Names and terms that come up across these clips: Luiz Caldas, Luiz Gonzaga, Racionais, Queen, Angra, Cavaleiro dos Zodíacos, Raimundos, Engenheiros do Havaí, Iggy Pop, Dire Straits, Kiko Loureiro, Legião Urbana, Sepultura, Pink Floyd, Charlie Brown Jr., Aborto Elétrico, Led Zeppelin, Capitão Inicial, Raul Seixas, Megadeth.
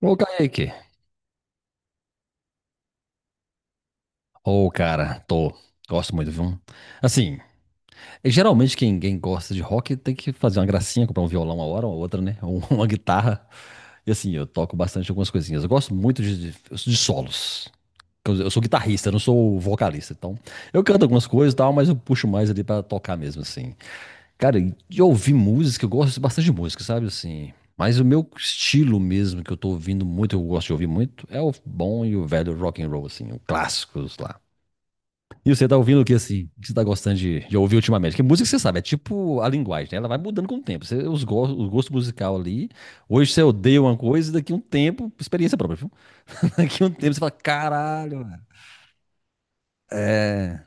Ô, Kaique. Ô, cara, tô. Gosto muito, viu? Assim, geralmente quem gosta de rock tem que fazer uma gracinha, comprar um violão uma hora ou outra, né? Ou uma guitarra. E assim, eu toco bastante algumas coisinhas. Eu gosto muito de solos. Eu sou guitarrista, eu não sou vocalista. Então, eu canto algumas coisas e tal, mas eu puxo mais ali pra tocar mesmo, assim. Cara, e de ouvir música, eu gosto bastante de música, sabe? Assim. Mas o meu estilo mesmo, que eu tô ouvindo muito, eu gosto de ouvir muito, é o bom e o velho rock and roll, assim, o clássicos lá. E você tá ouvindo o que assim? O que você tá gostando de ouvir ultimamente? Porque música, você sabe, é tipo a linguagem, né? Ela vai mudando com o tempo. Você, o gosto musical ali. Hoje você odeia uma coisa, e daqui um tempo, experiência própria, viu? Daqui um tempo você fala, caralho, velho. É.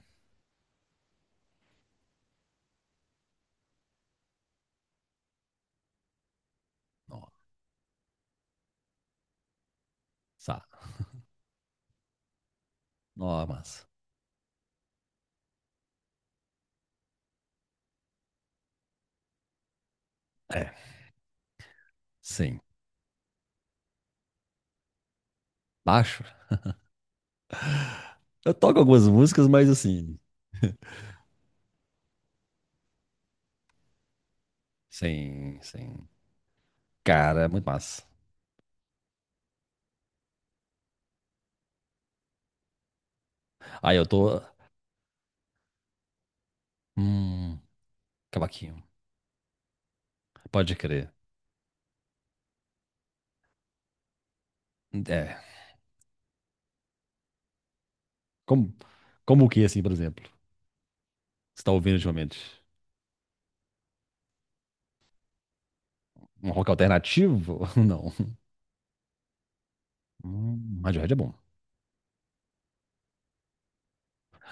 Nossa, nossa, mas. É, sim. Baixo. Eu toco algumas músicas, mas assim. Sim, sim. Cara, é muito massa. Aí eu tô. Hum, cavaquinho. Pode crer. É. Como, como o que, assim, por exemplo? Você tá ouvindo ultimamente? Um rock alternativo? Não. Radiohead é bom.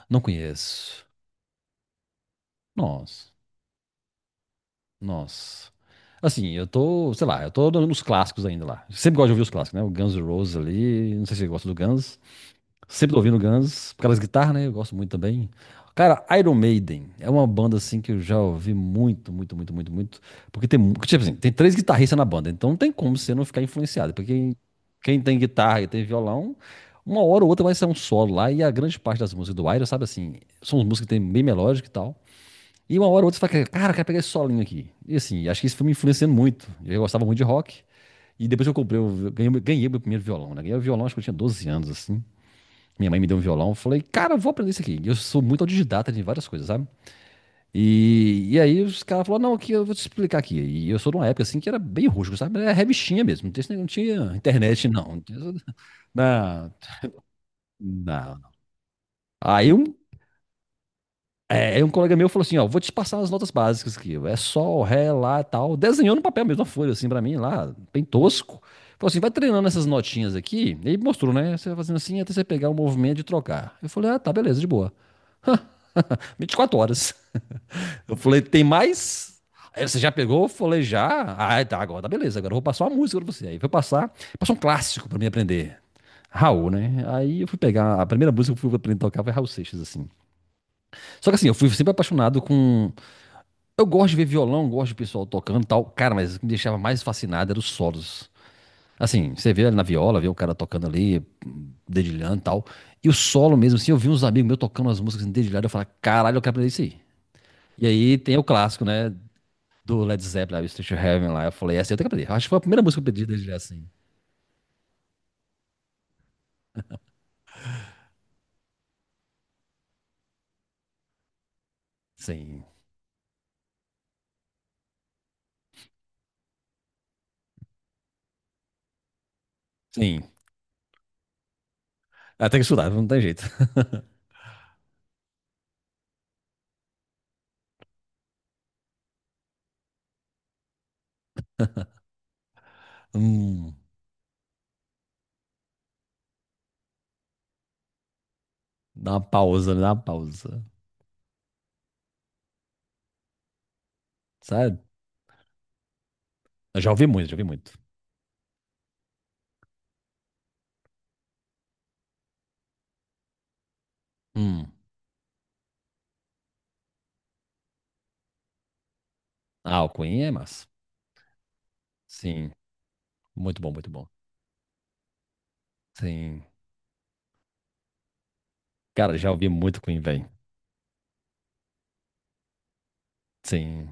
Não conheço. Nossa, nossa. Assim, eu tô, sei lá, eu tô dando os clássicos ainda lá. Sempre gosto de ouvir os clássicos, né? O Guns N' Roses ali. Não sei se você gosta do Guns. Sempre tô ouvindo Guns, por causa das guitarras, né? Eu gosto muito também. Cara, Iron Maiden é uma banda assim que eu já ouvi muito, muito, muito, muito, muito. Porque tem, tipo assim, tem três guitarristas na banda, então não tem como você não ficar influenciado. Porque quem, quem tem guitarra e tem violão, uma hora ou outra vai ser um solo lá. E a grande parte das músicas do Iron, sabe assim, são músicas que tem bem melódica e tal. E uma hora ou outra você fala, cara, eu quero pegar esse solinho aqui. E assim, acho que isso foi me influenciando muito. Eu gostava muito de rock. E depois que eu comprei, eu ganhei, ganhei meu primeiro violão, né? Ganhei o violão, acho que eu tinha 12 anos, assim. Minha mãe me deu um violão, eu falei, cara, eu vou aprender isso aqui. E eu sou muito autodidata de várias coisas, sabe? E aí os caras falaram, não, aqui eu vou te explicar aqui. E eu sou de uma época assim que era bem rústico, sabe? Era revistinha mesmo, não tinha internet, não. Não, não. Aí um colega meu falou assim, ó, vou te passar as notas básicas aqui. É sol, ré, lá, tal. Desenhou no papel mesmo, uma folha assim pra mim lá, bem tosco. Falou assim, vai treinando essas notinhas aqui. E aí mostrou, né? Você vai fazendo assim até você pegar o movimento de trocar. Eu falei, ah, tá, beleza, de boa. 24 horas. Eu falei, tem mais? Aí você já pegou? Eu falei, já. Ah, tá, agora tá beleza, agora eu vou passar uma música pra você. Aí foi passar, passou um clássico pra mim aprender. Raul, né? Aí eu fui pegar, a primeira música que eu fui aprender a tocar foi Raul Seixas, assim. Só que assim, eu fui sempre apaixonado com... Eu gosto de ver violão, gosto de pessoal tocando e tal. Cara, mas o que me deixava mais fascinado eram os solos. Assim, você vê ali na viola, vê o cara tocando ali, dedilhando e tal. E o solo mesmo, assim, eu vi uns amigos meus tocando as músicas assim, dedilhado, eu falava, caralho, eu quero aprender isso aí. E aí tem o clássico, né? do Led Zeppelin, lá, o to Heaven lá. Eu falei, essa eu tenho que aprender. Eu acho que foi a primeira música que eu pedi desde já, assim. Sim. Sim. Ah, tem que estudar, não tem jeito. Hum, dá uma pausa, dá uma pausa. Sabe? Eu já ouvi muito, já ouvi muito. Hum. Ah, o Queen é massa. Sim. Muito bom, muito bom. Sim. Cara, já ouvi muito Queen, velho. Sim.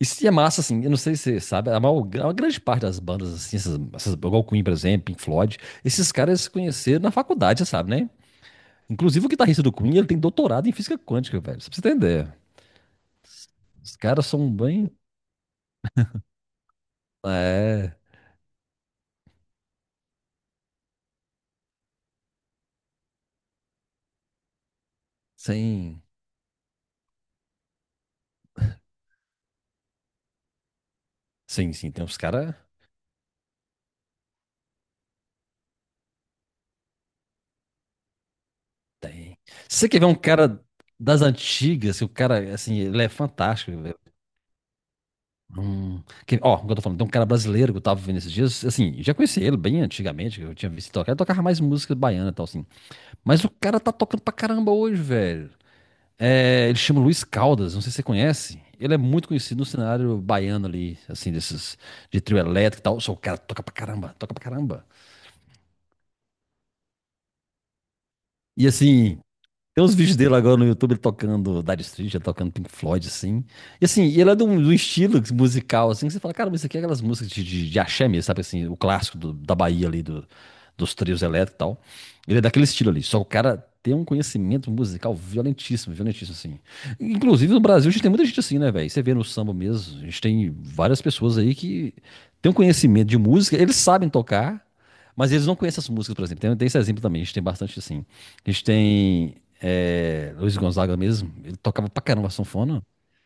E se é massa, assim, eu não sei se você sabe, a maior grande parte das bandas, assim, essas, igual o Queen, por exemplo, Pink Floyd, esses caras se conheceram na faculdade, você sabe, né? Inclusive, o guitarrista do Queen, ele tem doutorado em física quântica, velho. Só pra você entender. Os caras são bem. É. Sim. Sim, sim. Tem uns caras. Tem. Se você quer ver um cara das antigas, que o cara, assim, ele é fantástico, velho. Que, ó, como eu tô falando, tem um cara brasileiro que eu tava vendo esses dias, assim, eu já conheci ele bem antigamente, que eu tinha visto ele tocar, ele tocava mais música baiana e tal, assim. Mas o cara tá tocando pra caramba hoje, velho. É, ele chama Luiz Caldas, não sei se você conhece. Ele é muito conhecido no cenário baiano ali, assim, desses de trio elétrico e tal. Só o cara toca pra caramba, toca pra caramba. E assim, tem uns vídeos dele agora no YouTube, ele tocando Dire Straits, ele tocando Pink Floyd, assim. E assim, ele é de um estilo musical, assim, que você fala, cara, mas isso aqui é aquelas músicas de axé mesmo, sabe? Assim, o clássico da Bahia ali, dos trios elétricos e tal. Ele é daquele estilo ali, só que o cara tem um conhecimento musical violentíssimo, violentíssimo, assim. Inclusive, no Brasil, a gente tem muita gente assim, né, velho? Você vê no samba mesmo, a gente tem várias pessoas aí que têm um conhecimento de música, eles sabem tocar, mas eles não conhecem as músicas, por exemplo. Tem esse exemplo também, a gente tem bastante assim. A gente tem é, Luiz Gonzaga mesmo, ele tocava pra caramba a sanfona.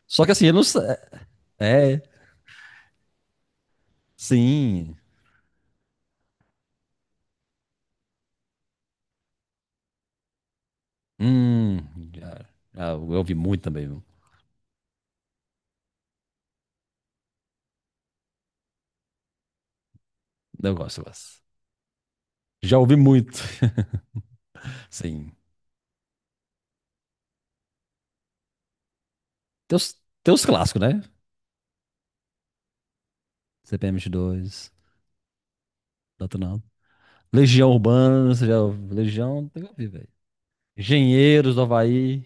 Só que assim, ele não sei. É, é, sim. Hum, já, já eu ouvi muito também, viu? Eu gosto, eu gosto. Já ouvi muito. Sim. Tem os, tem os clássicos, né? cpm dois, tanto não. Legião Urbana, você já ouviu? Legião, tem que ouvir, velho. Engenheiros do Havaí.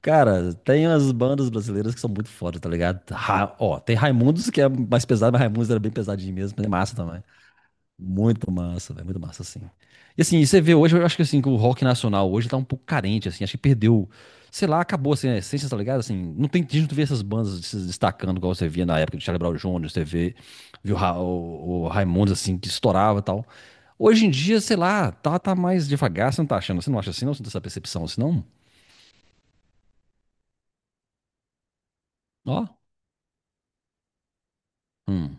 Cara, tem umas bandas brasileiras que são muito foda, tá ligado? Ó, tem Raimundos, que é mais pesado, mas Raimundos era bem pesadinho mesmo, mas é massa também. Muito massa, velho, muito massa, assim. E assim, e você vê hoje, eu acho que assim, que o rock nacional hoje tá um pouco carente, assim, acho que perdeu, sei lá, acabou assim, a essência, tá ligado? Assim, não tem, a gente não vê essas bandas se destacando igual você via na época do Charlie Brown Jr., você vê, viu o Raimundos, assim, que estourava e tal. Hoje em dia, sei lá, tá, tá mais devagar, você não tá achando, você não acha assim, não? Você não tem essa percepção assim, não? Ó, hum,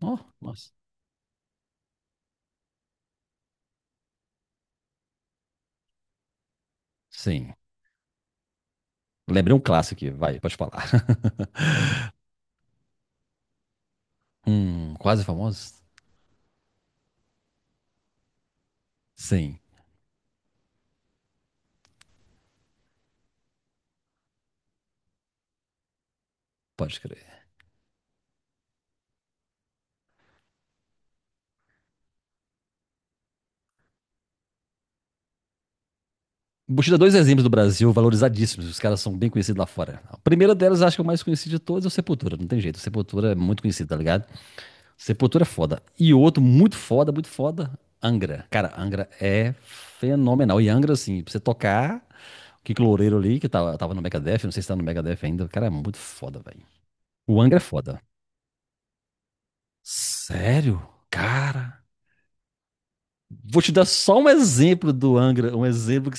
ó, nossa. Sim, lembrei um clássico aqui, vai, pode falar. Quase famosos? Sim, pode crer. Vou te dar dois exemplos do Brasil valorizadíssimos, os caras são bem conhecidos lá fora. A primeira delas, acho que é o mais conhecido de todos, é o Sepultura, não tem jeito. O Sepultura é muito conhecido, tá ligado? Sepultura é foda. E outro muito foda, Angra. Cara, Angra é fenomenal. E Angra, assim, pra você tocar, o Kiko Loureiro ali, que tava no Megadeth, não sei se tá no Megadeth ainda, o cara é muito foda, velho. O Angra é foda. Sério? Cara. Vou te dar só um exemplo do Angra, um exemplo que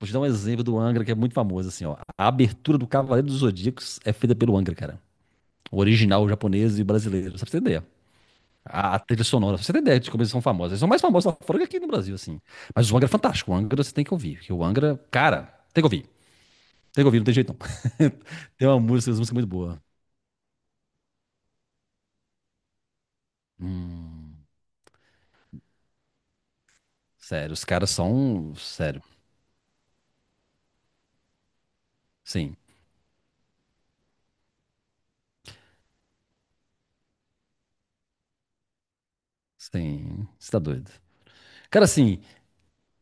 vou te dar um exemplo do Angra que é muito famoso, assim, ó. A abertura do Cavaleiro dos Zodíacos é feita pelo Angra, cara. O original japonês e brasileiro, só pra você ter ideia. A trilha sonora, pra você ter ideia de como eles são famosos. Eles são mais famosos lá fora que aqui no Brasil, assim. Mas o Angra é fantástico. O Angra você tem que ouvir. Porque o Angra, cara, tem que ouvir. Tem que ouvir, não tem jeito não. Tem uma música muito boa. Hum, sério, os caras são. Sério. Sim. Sim. Você tá doido. Cara, assim,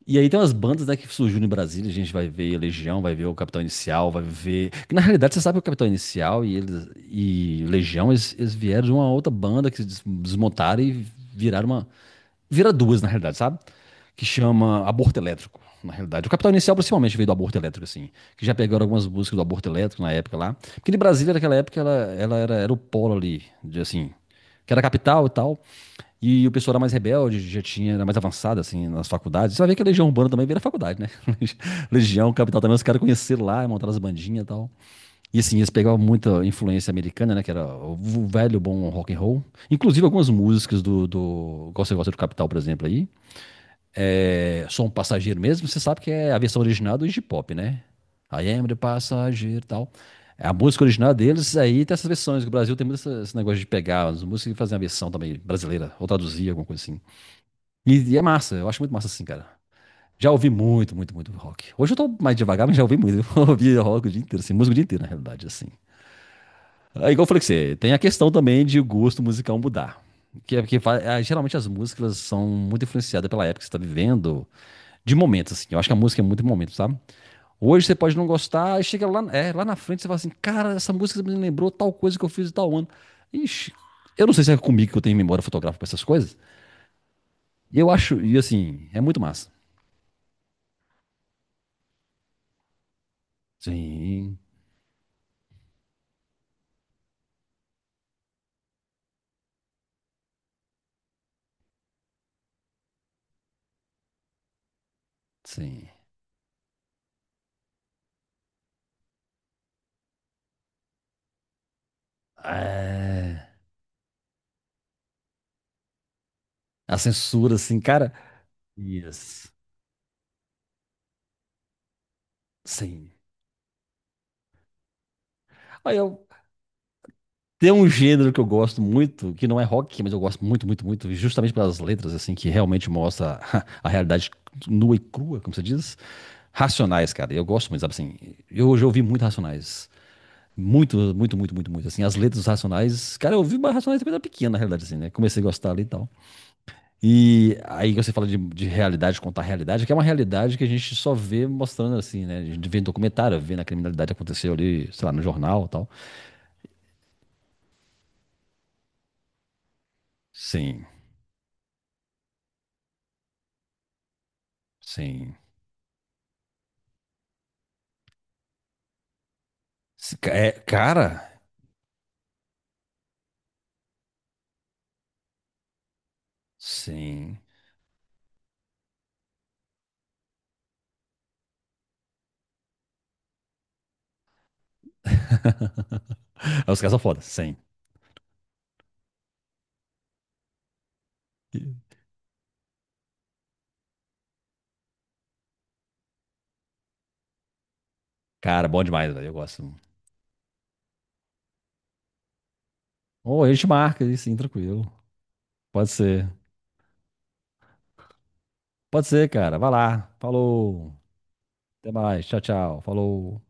e aí tem umas bandas, né, que surgiu no Brasil, a gente vai ver Legião, vai ver o Capitão Inicial, vai ver... Que na realidade, você sabe que o Capitão Inicial e, eles, e Legião, eles vieram de uma outra banda que se desmontaram e viraram uma, vira duas, na realidade, sabe? Que chama Aborto Elétrico, na realidade. O Capital Inicial, principalmente, veio do Aborto Elétrico, assim. Que já pegaram algumas músicas do Aborto Elétrico na época lá. Porque de Brasília, naquela época, ela era, era o polo ali, de, assim, que era a capital e tal. E o pessoal era mais rebelde, já tinha, era mais avançado, assim, nas faculdades. Você vai ver que a Legião Urbana também veio da faculdade, né? Legião, Capital também, os caras conheceram lá, montaram as bandinhas e tal. E assim, eles pegavam muita influência americana, né? Que era o velho bom rock and roll. Inclusive algumas músicas do Gosta Gosta do Capital, por exemplo, aí. É, Sou um passageiro mesmo, você sabe que é a versão original do Iggy Pop, né? I am the passageiro e tal. A música original deles aí tem essas versões. Que o Brasil tem muito esse negócio de pegar as músicas e fazer uma versão também brasileira, ou traduzir, alguma coisa assim. E é massa, eu acho muito massa assim, cara. Já ouvi muito, muito, muito rock. Hoje eu tô mais devagar, mas já ouvi muito. Eu ouvi rock o dia inteiro, assim, música o dia inteiro, na realidade, assim. É igual eu falei que você, tem a questão também de o gosto musical mudar. Que é porque geralmente as músicas elas são muito influenciadas pela época que você está vivendo, de momentos, assim. Eu acho que a música é muito de momento, sabe? Hoje você pode não gostar, e chega lá, é, lá na frente você fala assim: Cara, essa música me lembrou tal coisa que eu fiz em tal ano. Ixi, eu não sei se é comigo que eu tenho memória fotográfica para essas coisas. E eu acho, e assim, é muito massa. Sim, sim. É, a censura, assim, cara. Yes. Sim. Aí eu, tem um gênero que eu gosto muito, que não é rock, mas eu gosto muito, muito, muito, justamente pelas letras, assim, que realmente mostra a realidade nua e crua, como você diz. Racionais, cara. Eu gosto muito, sabe assim? Eu já ouvi muito Racionais. Muito, muito, muito, muito, muito. Assim, as letras dos Racionais. Cara, eu ouvi mais Racionais quando era pequena, na realidade, assim, né? Comecei a gostar ali e tal. E aí você fala de realidade, contar realidade, que é uma realidade que a gente só vê mostrando, assim, né? A gente vê em documentário, vê na criminalidade que aconteceu ali, sei lá, no jornal e tal. Sim, sim. Se ca- É, cara, sim. Os caras são foda, sim. Cara, bom demais, velho. Eu gosto. Ou a gente marca aí, sim, tranquilo. Pode ser. Pode ser, cara. Vai lá. Falou. Até mais. Tchau, tchau. Falou.